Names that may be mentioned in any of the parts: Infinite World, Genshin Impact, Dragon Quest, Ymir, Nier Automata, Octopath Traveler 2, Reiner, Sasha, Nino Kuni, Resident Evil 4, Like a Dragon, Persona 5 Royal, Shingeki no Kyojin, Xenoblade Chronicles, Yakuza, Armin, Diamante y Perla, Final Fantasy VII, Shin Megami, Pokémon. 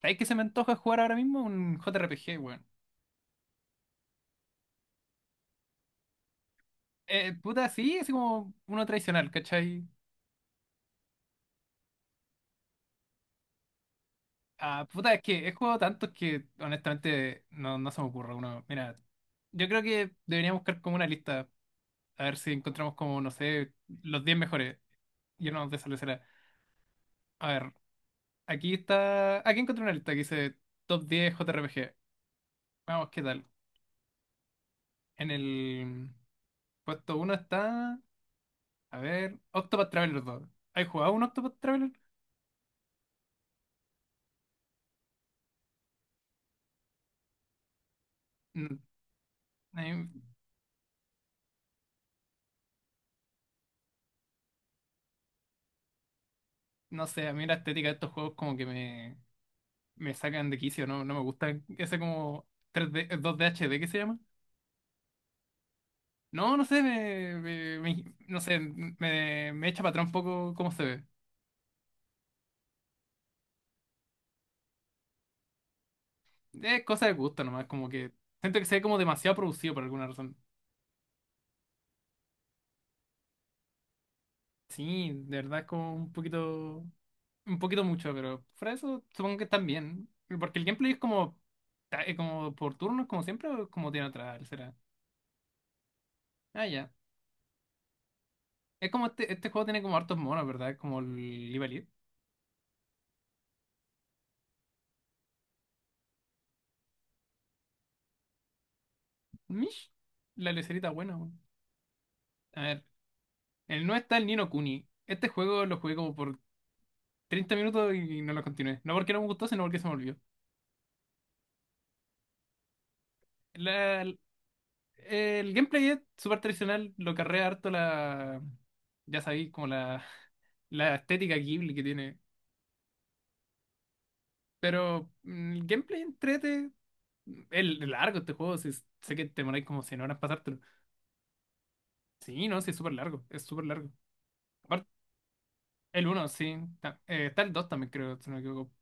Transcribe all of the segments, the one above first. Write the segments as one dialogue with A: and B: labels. A: ¿Sabes qué se me antoja jugar ahora mismo? Un JRPG, weón. Puta, sí, así como uno tradicional, ¿cachai? Ah, puta, es que he jugado tantos que honestamente no, no se me ocurre uno. Mira, yo creo que deberíamos buscar como una lista. A ver si encontramos como, no sé, los 10 mejores. Yo no, de eso le será. A ver, aquí está. Aquí encontré una lista que dice Top 10 JRPG. Vamos, ¿qué tal? En el puesto uno está. A ver, Octopath Traveler 2. ¿Has jugado un Octopath Traveler? Mm, eh, No sé, a mí la estética de estos juegos como que me sacan de quicio, no, no me gusta ese como 3D, 2D HD, ¿qué se llama? No, no sé, no sé, me echa para atrás un poco cómo se ve. Es cosa de gusto nomás, como que siento que se ve como demasiado producido por alguna razón. Sí, de verdad es como un poquito mucho, pero fuera de eso supongo que están bien. Porque el gameplay es como, como por turnos, como siempre, o como tiene atrás, será. Ah, ya. Es como este juego tiene como hartos monos, ¿verdad? Es como el Live Elite. Mish, la lecerita buena, weón. A ver, el no está el Nino Kuni. Este juego lo jugué como por 30 minutos y no lo continué. No porque no me gustó, sino porque se me olvidó. La- el, el gameplay es súper tradicional, lo carrea harto la. Ya sabéis, como la estética Ghibli que tiene. Pero el gameplay entrete. El largo este juego, sí, sé que te moráis como 100 horas pasártelo. Sí, no, sí, es súper largo, es súper largo. El uno sí. Está el 2 también, creo, si no me equivoco.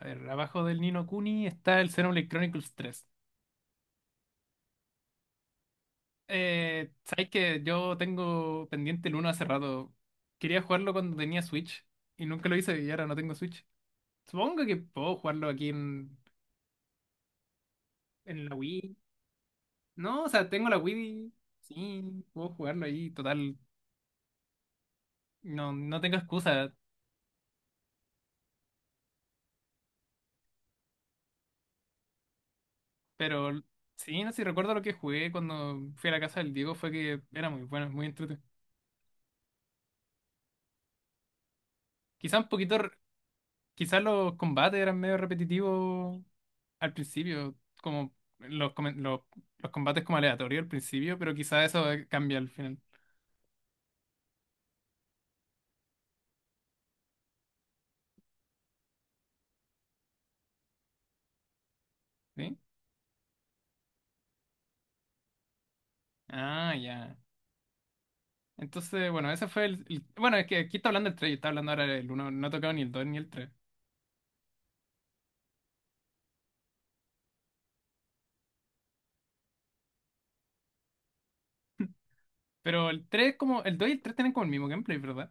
A: A ver, abajo del Nino Kuni está el Xenoblade Chronicles tres. Sabes que yo tengo pendiente el uno hace rato. Quería jugarlo cuando tenía Switch y nunca lo hice y ahora no tengo Switch. Supongo que puedo jugarlo aquí en la Wii. No, o sea, tengo la Wii. Sí, puedo jugarlo ahí. Total, no, no tengo excusa. Pero sí, no sé si recuerdo lo que jugué cuando fui a la casa del Diego, fue que era muy bueno, muy entretenido. Quizá un poquito. Quizás los combates eran medio repetitivos al principio, como los, come- los, los combates como aleatorios al principio, pero quizás eso cambia al final, ¿sí? Ah, ya. Entonces, bueno, ese fue el. Bueno, es que aquí está hablando el tres. Yo estaba hablando ahora el uno. No he tocado ni el 2 ni el tres. Pero el 3 como el 2 y el 3 tienen como el mismo gameplay, ¿verdad?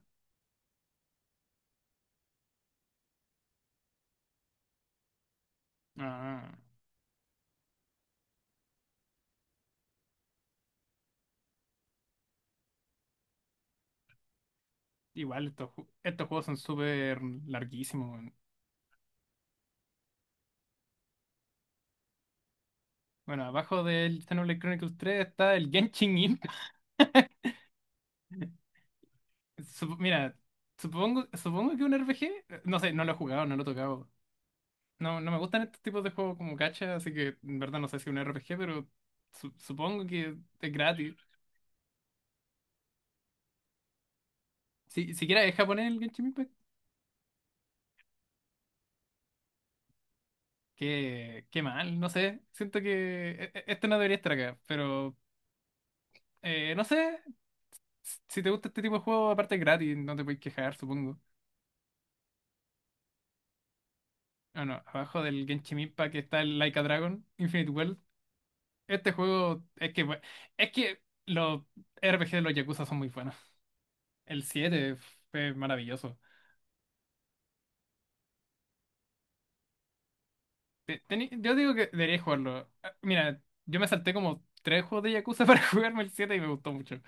A: Ah, igual estos juegos son súper larguísimos, weón. Bueno, abajo del Xenoblade Chronicles tres está el Genshin Impact. Mira, supongo que un RPG, no sé, no lo he jugado, no lo he tocado. No, no me gustan estos tipos de juegos como gacha, así que en verdad no sé si un RPG, pero supongo que es gratis. Si, siquiera es japonés el Genshin Impact, qué mal, no sé. Siento que este no debería estar acá, pero no sé. Si te gusta este tipo de juego, aparte es gratis, no te puedes quejar, supongo. Bueno, abajo del Genshin Impact está el Like a Dragon, Infinite World. Este juego es que los RPG de los Yakuza son muy buenos. El 7 fue maravilloso. Yo digo que debería jugarlo. Ah, mira, yo me salté como tres juegos de Yakuza para jugarme el 7 y me gustó mucho.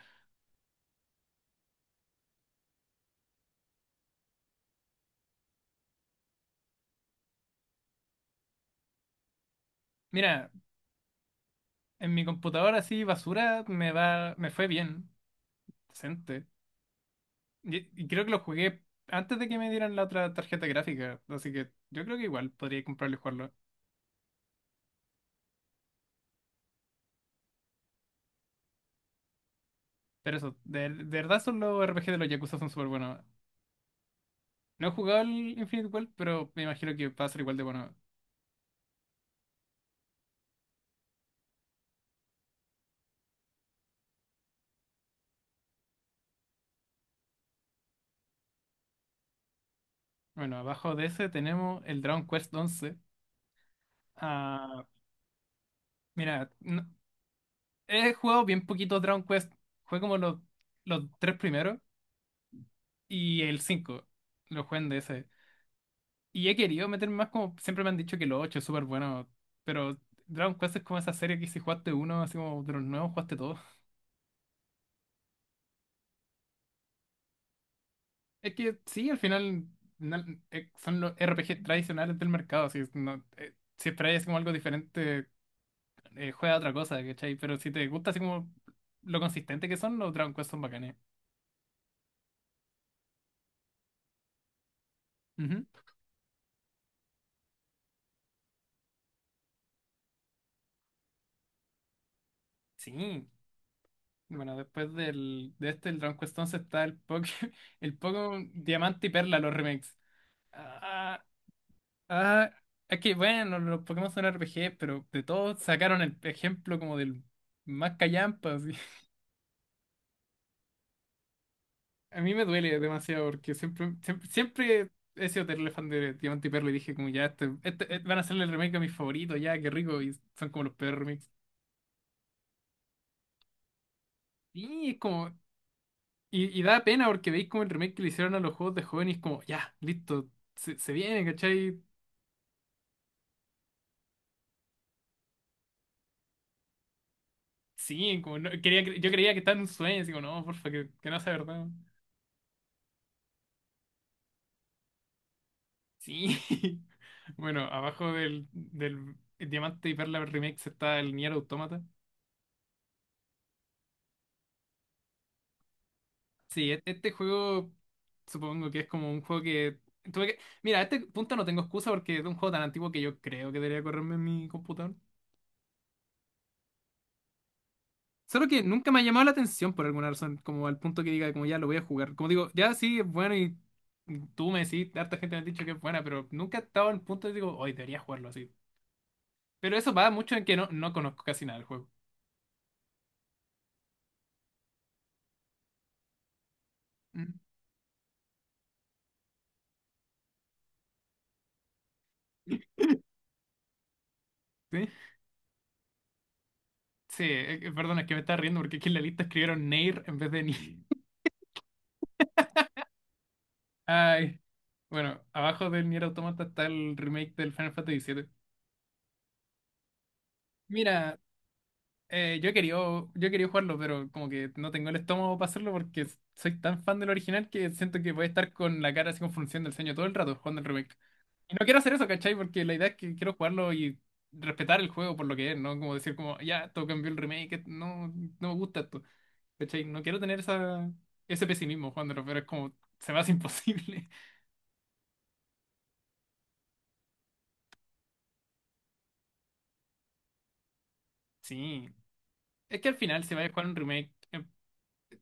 A: Mira, en mi computadora así basura me va, me fue bien, decente. Y creo que lo jugué antes de que me dieran la otra tarjeta gráfica, así que yo creo que igual podría comprarlo y jugarlo. Pero eso, de verdad son los RPG de los Yakuza son súper buenos. No he jugado el Infinite World, pero me imagino que va a ser igual de bueno. Bueno, abajo de ese tenemos el Dragon Quest 11. Ah, mira, he jugado bien poquito Dragon Quest. Jugué como los tres primeros y el cinco. Lo jugué en DS. Y he querido meterme más como siempre me han dicho que los 8 es súper bueno. Pero Dragon Quest es como esa serie que si jugaste uno, así como de los nuevos jugaste todos. Es que sí, al final na- son los RPG tradicionales del mercado. Si no, si esperáis como algo diferente, juega a otra cosa, ¿cachai? Pero si te gusta así como lo consistente que son, los Dragon Quest son bacanes. Ujú. Sí. Bueno, después de este, el Dragon Quest 11 está el Pokémon, el Pokémon Diamante y Perla, los remakes. Ah, ah, es que bueno, los Pokémon son RPG, pero de todos sacaron el ejemplo como del más callampa, así. A mí me duele demasiado porque siempre, siempre, siempre he sido terrible fan de Diamante y Perla y dije como ya, van a hacerle el remake a mis favoritos, ya, qué rico, y son como los peores. Y es como. Y da pena porque veis como el remake que le hicieron a los juegos de jóvenes, como, ya, listo, se viene, ¿cachai? Sí, como quería, yo creía que estaba en un sueño, así como, no, porfa, que no sea verdad. Sí. Bueno, abajo del Diamante y Perla remake está el Nier Automata. Sí, este juego supongo que es como un juego que tuve que. Mira, a este punto no tengo excusa porque es un juego tan antiguo que yo creo que debería correrme en mi computador. Solo que nunca me ha llamado la atención por alguna razón, como al punto que diga, como ya lo voy a jugar. Como digo, ya sí, es bueno y tú me decís, harta gente me ha dicho que es buena, pero nunca he estado al punto de digo, hoy debería jugarlo así. Pero eso va mucho en que no, no conozco casi nada del juego. Mm. ¿Sí? Sí, perdón, es que me estaba riendo porque aquí en la lista escribieron Nier en vez de Nier. Ay. Bueno, abajo del Nier Automata está el remake del Final Fantasy VII. Mira, yo he querido jugarlo, pero como que no tengo el estómago para hacerlo porque soy tan fan del original que siento que voy a estar con la cara así con función del ceño todo el rato jugando el remake. Y no quiero hacer eso, ¿cachai? Porque la idea es que quiero jugarlo y respetar el juego por lo que es, ¿no? Como decir como, ya, esto cambió el remake, no, no me gusta esto, ¿cachai? No quiero tener esa, ese pesimismo jugándolo, pero es como, se me hace imposible. Sí. Es que al final se va a jugar un remake,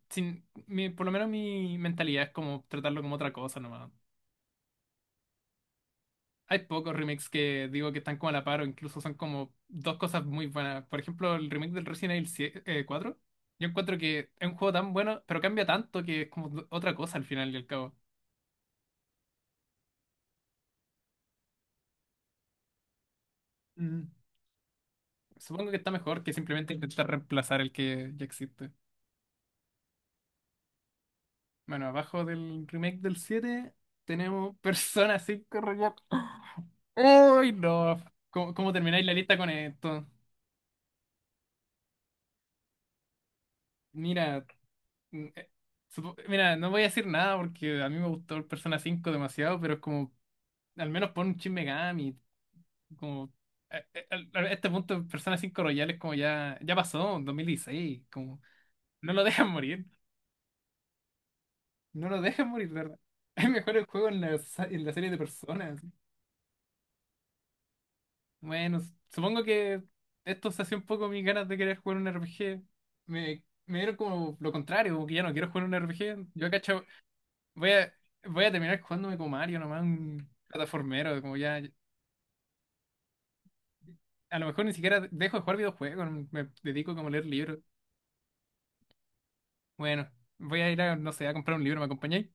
A: sin, mi- por lo menos mi mentalidad es como tratarlo como otra cosa nomás. Hay pocos remakes que digo que están como a la par o incluso son como dos cosas muy buenas. Por ejemplo, el remake del Resident Evil 7, 4. Yo encuentro que es un juego tan bueno, pero cambia tanto que es como otra cosa al final y al cabo. Mm. Supongo que está mejor que simplemente intentar reemplazar el que ya existe. Bueno, abajo del remake del 7 tenemos Persona cinco Royal. ¡Uy, no! ¿Cómo termináis la lista con esto? Mira, mm, eh, mira, no voy a decir nada porque a mí me gustó el Persona 5 demasiado, pero es como al menos pon un Shin Megami, como a este punto Persona cinco Royal es como ya, ya pasó, en 2016, como no lo dejan morir, no lo dejan morir, de ¿verdad? Es mejor el juego en en la serie de personas. Bueno, supongo que esto se hace un poco mis ganas de querer jugar un RPG. Me dieron como lo contrario, como que ya no quiero jugar un RPG. Yo cacho, voy a, voy a terminar jugándome como Mario, nomás un plataformero, como ya. A lo mejor ni siquiera dejo de jugar videojuegos, me dedico como a leer libros. Bueno, voy a ir a, no sé, a comprar un libro, ¿me acompañáis?